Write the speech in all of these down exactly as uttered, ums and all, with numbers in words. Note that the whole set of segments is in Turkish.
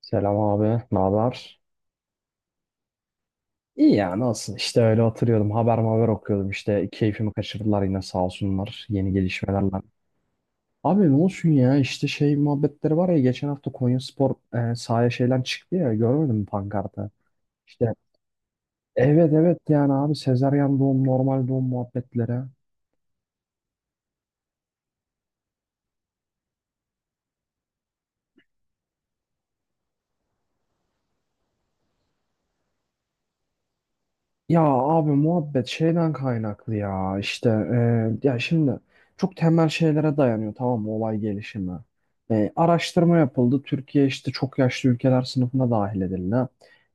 Selam abi, ne haber? İyi ya nasıl? İşte öyle oturuyordum, haber haber okuyordum. İşte keyfimi kaçırdılar yine sağ olsunlar yeni gelişmelerle. Abi ne olsun ya işte şey muhabbetleri var ya geçen hafta Konyaspor e, sahaya şeyden çıktı ya görmedin mi pankartı? İşte evet evet yani abi sezaryen doğum normal doğum muhabbetlere. Ya abi muhabbet şeyden kaynaklı ya işte e, ya şimdi çok temel şeylere dayanıyor tamam mı olay gelişimi. E, araştırma yapıldı Türkiye işte çok yaşlı ülkeler sınıfına dahil edildi.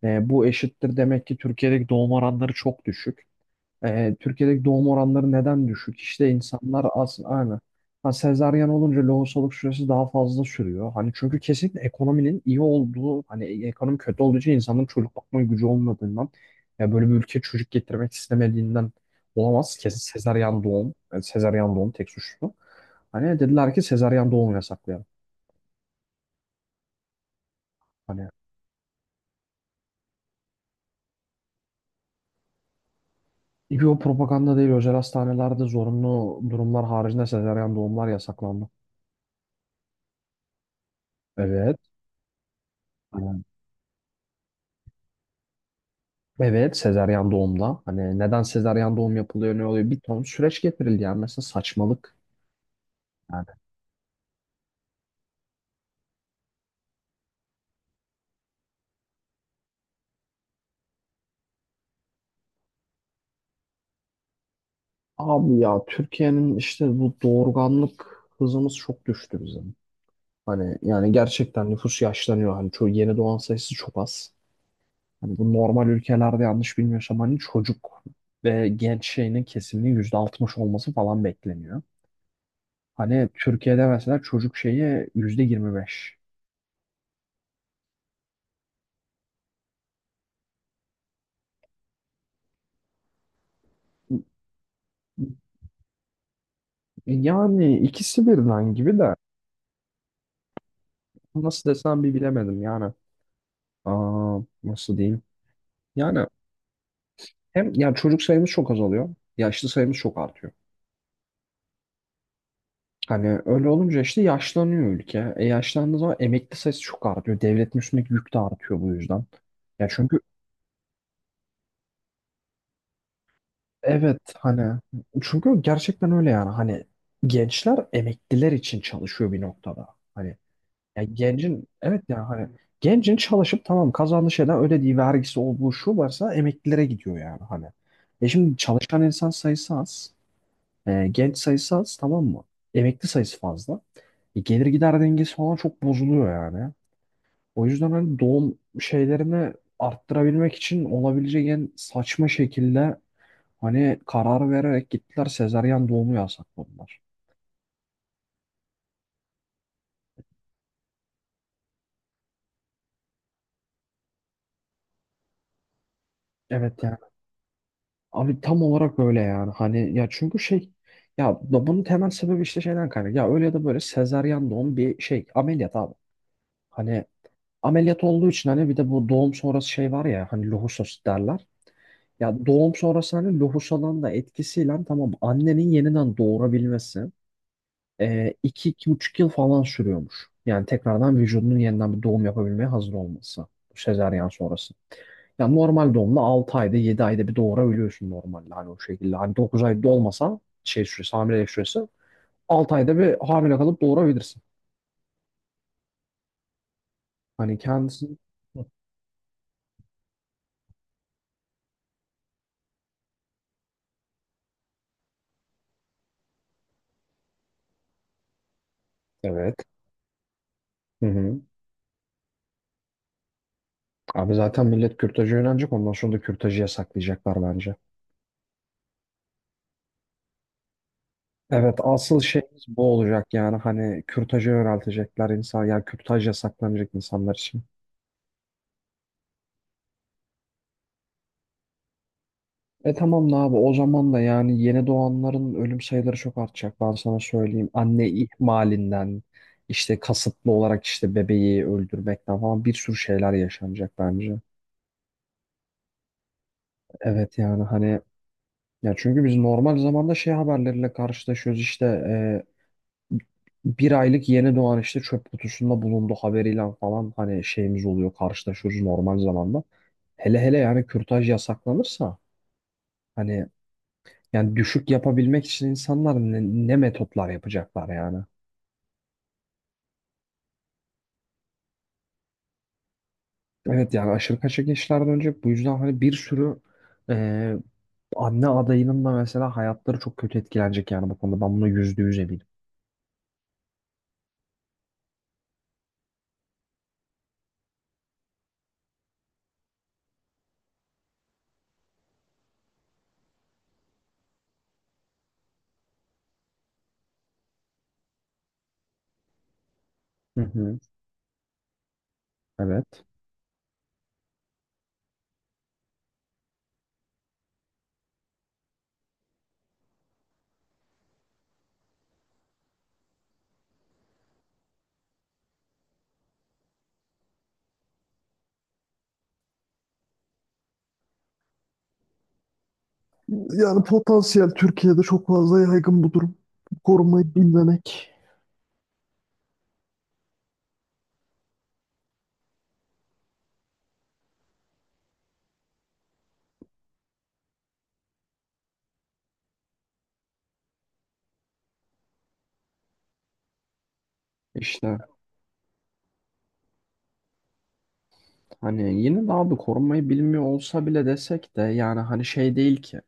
E, bu eşittir demek ki Türkiye'deki doğum oranları çok düşük. E, Türkiye'deki doğum oranları neden düşük? İşte insanlar aslında aynı. Ha, sezaryen olunca lohusalık süresi daha fazla sürüyor. Hani çünkü kesinlikle ekonominin iyi olduğu, hani ekonomi kötü olduğu için insanların çocuk bakma gücü olmadığından, ya böyle bir ülke çocuk getirmek istemediğinden olamaz. Kesin sezaryen doğum, yani sezaryen doğum tek suçlu. Hani dediler ki sezaryen doğum yasaklayalım. Hani bir o propaganda değil, özel hastanelerde zorunlu durumlar haricinde sezaryen doğumlar yasaklandı. Evet. Evet, sezaryen doğumda. Hani neden sezaryen doğum yapılıyor, ne oluyor? Bir ton süreç getirildi yani. Mesela saçmalık. Yani. Abi ya Türkiye'nin işte bu doğurganlık hızımız çok düştü bizim. Hani yani gerçekten nüfus yaşlanıyor. Hani çoğu yeni doğan sayısı çok az. Hani bu normal ülkelerde yanlış bilmiyorsam hani çocuk ve genç şeyinin kesiminin yüzde altmış olması falan bekleniyor. Hani Türkiye'de mesela çocuk şeyi yüzde yirmi beş. Yani ikisi birden gibi de. Nasıl desem bir bilemedim yani. Aa, nasıl diyeyim? Yani hem ya çocuk sayımız çok azalıyor. Yaşlı sayımız çok artıyor. Hani öyle olunca işte yaşlanıyor ülke. E yaşlandığı zaman emekli sayısı çok artıyor. Devletin üstündeki yük de artıyor bu yüzden. Ya çünkü evet hani çünkü gerçekten öyle yani. Hani gençler emekliler için çalışıyor bir noktada. Hani ya gencin evet ya hani gencin çalışıp tamam kazandığı şeyden ödediği vergisi olduğu şu varsa emeklilere gidiyor yani hani. E şimdi çalışan insan sayısı az. E, genç sayısı az tamam mı? Emekli sayısı fazla. E, gelir gider dengesi falan çok bozuluyor yani. O yüzden hani doğum şeylerini arttırabilmek için olabilecek en saçma şekilde hani karar vererek gittiler sezaryen doğumu yasakladılar. Evet. Abi tam olarak böyle yani. Hani ya çünkü şey ya bu- bunun temel sebebi işte şeyden kaynak. Ya öyle ya da böyle sezaryen doğum bir şey ameliyat abi. Hani ameliyat olduğu için hani bir de bu doğum sonrası şey var ya hani lohusa derler. Ya doğum sonrası hani lohusadan da etkisiyle tamam annenin yeniden doğurabilmesi e, iki, iki buçuk yıl falan sürüyormuş. Yani tekrardan vücudunun yeniden bir doğum yapabilmeye hazır olması. Bu sezaryen sonrası. Yani normal doğumda altı ayda yedi ayda bir doğurabiliyorsun normalde hani o şekilde. Hani dokuz ayda olmasa, şey süresi hamilelik süresi altı ayda bir hamile kalıp doğurabilirsin. Hani kendisi. Hı. Evet. Hı hı. Abi zaten millet kürtaja yönelecek ondan sonra da kürtajı yasaklayacaklar bence. Evet asıl şeyimiz bu olacak yani hani kürtaja yöneltecekler insan yani kürtaj yasaklanacak insanlar için. E tamam da abi o zaman da yani yeni doğanların ölüm sayıları çok artacak ben sana söyleyeyim. Anne ihmalinden işte kasıtlı olarak işte bebeği öldürmekten falan bir sürü şeyler yaşanacak bence. Evet yani hani ya çünkü biz normal zamanda şey haberleriyle karşılaşıyoruz işte e, bir aylık yeni doğan işte çöp kutusunda bulundu haberiyle falan hani şeyimiz oluyor karşılaşıyoruz normal zamanda. Hele hele yani kürtaj yasaklanırsa hani. Yani düşük yapabilmek için insanlar ne, ne metotlar yapacaklar yani. Evet yani aşırı kaçak işler dönecek. Bu yüzden hani bir sürü e, anne adayının da mesela hayatları çok kötü etkilenecek yani bu konuda. Ben buna yüzde yüz eminim. Hı hı. Evet. Fazla yaygın bu durum. Korumayı bilmemek. İşte hani yine de abi korunmayı bilmiyor olsa bile desek de yani hani şey değil ki.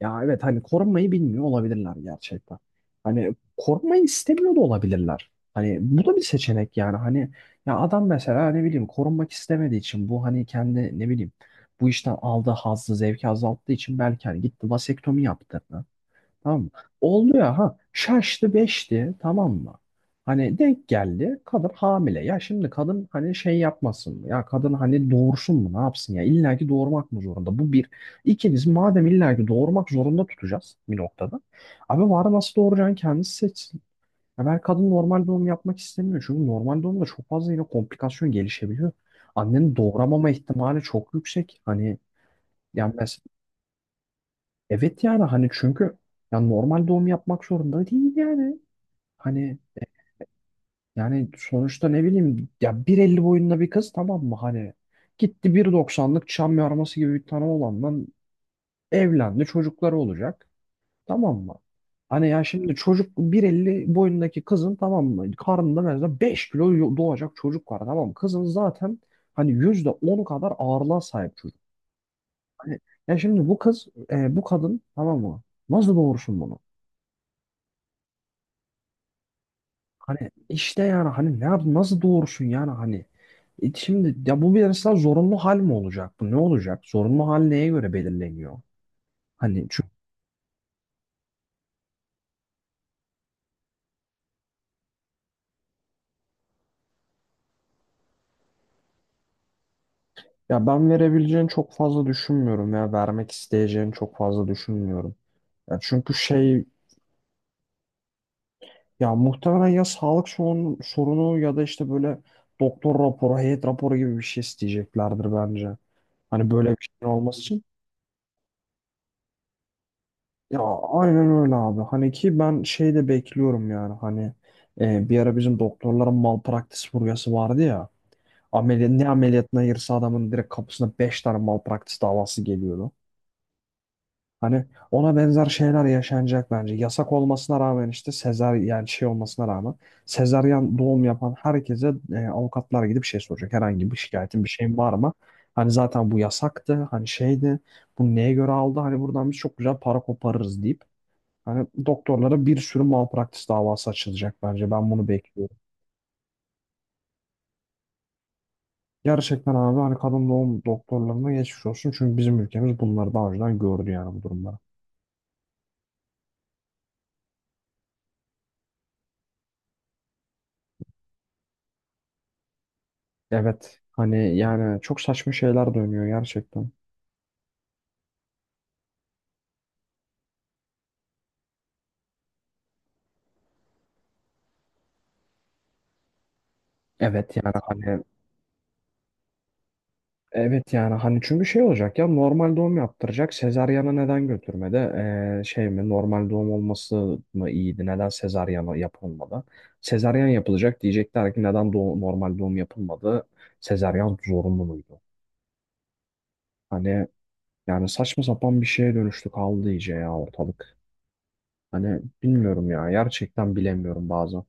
Ya evet hani korunmayı bilmiyor olabilirler gerçekten. Hani korunmayı istemiyor da olabilirler. Hani bu da bir seçenek yani hani ya adam mesela ne bileyim korunmak istemediği için bu hani kendi ne bileyim bu işten aldığı hazzı zevki azalttığı için belki hani gitti vasektomi yaptı. Tamam mı? Oldu ya ha şaştı beşti tamam mı? Hani denk geldi kadın hamile. Ya şimdi kadın hani şey yapmasın mı? Ya kadın hani doğursun mu? Ne yapsın ya? İlla ki doğurmak mı zorunda? Bu bir. İkincisi madem illa ki doğurmak zorunda tutacağız bir noktada. Abi var nasıl doğuracağını kendisi seçsin. Ya ben kadın normal doğum yapmak istemiyor. Çünkü normal doğumda çok fazla yine komplikasyon gelişebiliyor. Annenin doğuramama ihtimali çok yüksek. Hani yani mes- Evet yani hani çünkü ya normal doğum yapmak zorunda değil yani. Hani yani sonuçta ne bileyim ya bir elli boyunda bir kız tamam mı hani gitti bir doksanlık çam yarması gibi bir tane olandan evlendi çocukları olacak tamam mı? Hani ya şimdi çocuk bir elli boyundaki kızın tamam mı karnında mesela beş kilo yo- doğacak çocuk var tamam mı? Kızın zaten hani yüzde on kadar ağırlığa sahip çocuk. Hani ya şimdi bu kız e, bu kadın tamam mı? Nasıl doğursun bunu? Hani işte yani hani ne yap nasıl doğursun yani hani. E şimdi ya bu bir mesela zorunlu hal mi olacak bu ne olacak zorunlu hal neye göre belirleniyor hani çünkü ya ben verebileceğini çok fazla düşünmüyorum ya vermek isteyeceğini çok fazla düşünmüyorum ya çünkü şey ya muhtemelen ya sağlık sorun- sorunu ya da işte böyle doktor raporu heyet raporu gibi bir şey isteyeceklerdir bence hani böyle bir şeyin olması için. Ya aynen öyle abi. Hani ki ben şey de bekliyorum yani hani e, bir ara bizim doktorların malpraktis furyası vardı ya. Ameliyat, ne ameliyatına girse adamın direkt kapısına beş tane malpraktis davası geliyordu. Hani ona benzer şeyler yaşanacak bence. Yasak olmasına rağmen işte sezar yani şey olmasına rağmen sezaryen doğum yapan herkese e, avukatlar gidip şey soracak. Herhangi bir şikayetin bir şeyin var mı? Hani zaten bu yasaktı. Hani şeydi. Bu neye göre aldı? Hani buradan biz çok güzel para koparırız deyip hani doktorlara bir sürü malpraktis davası açılacak bence. Ben bunu bekliyorum. Gerçekten abi hani kadın doğum doktorlarına geçmiş olsun. Çünkü bizim ülkemiz bunları daha önceden gördü yani bu durumları. Evet hani yani çok saçma şeyler dönüyor gerçekten. Evet yani hani evet yani hani çünkü şey olacak ya normal doğum yaptıracak. Sezaryana neden götürmedi? Ee, şey mi normal doğum olması mı iyiydi? Neden sezaryana yapılmadı? Sezaryen yapılacak diyecekler ki neden doğu- normal doğum yapılmadı? Sezaryen zorunlu muydu? Hani yani saçma sapan bir şeye dönüştü kaldı iyice ya ortalık. Hani bilmiyorum ya gerçekten bilemiyorum bazen.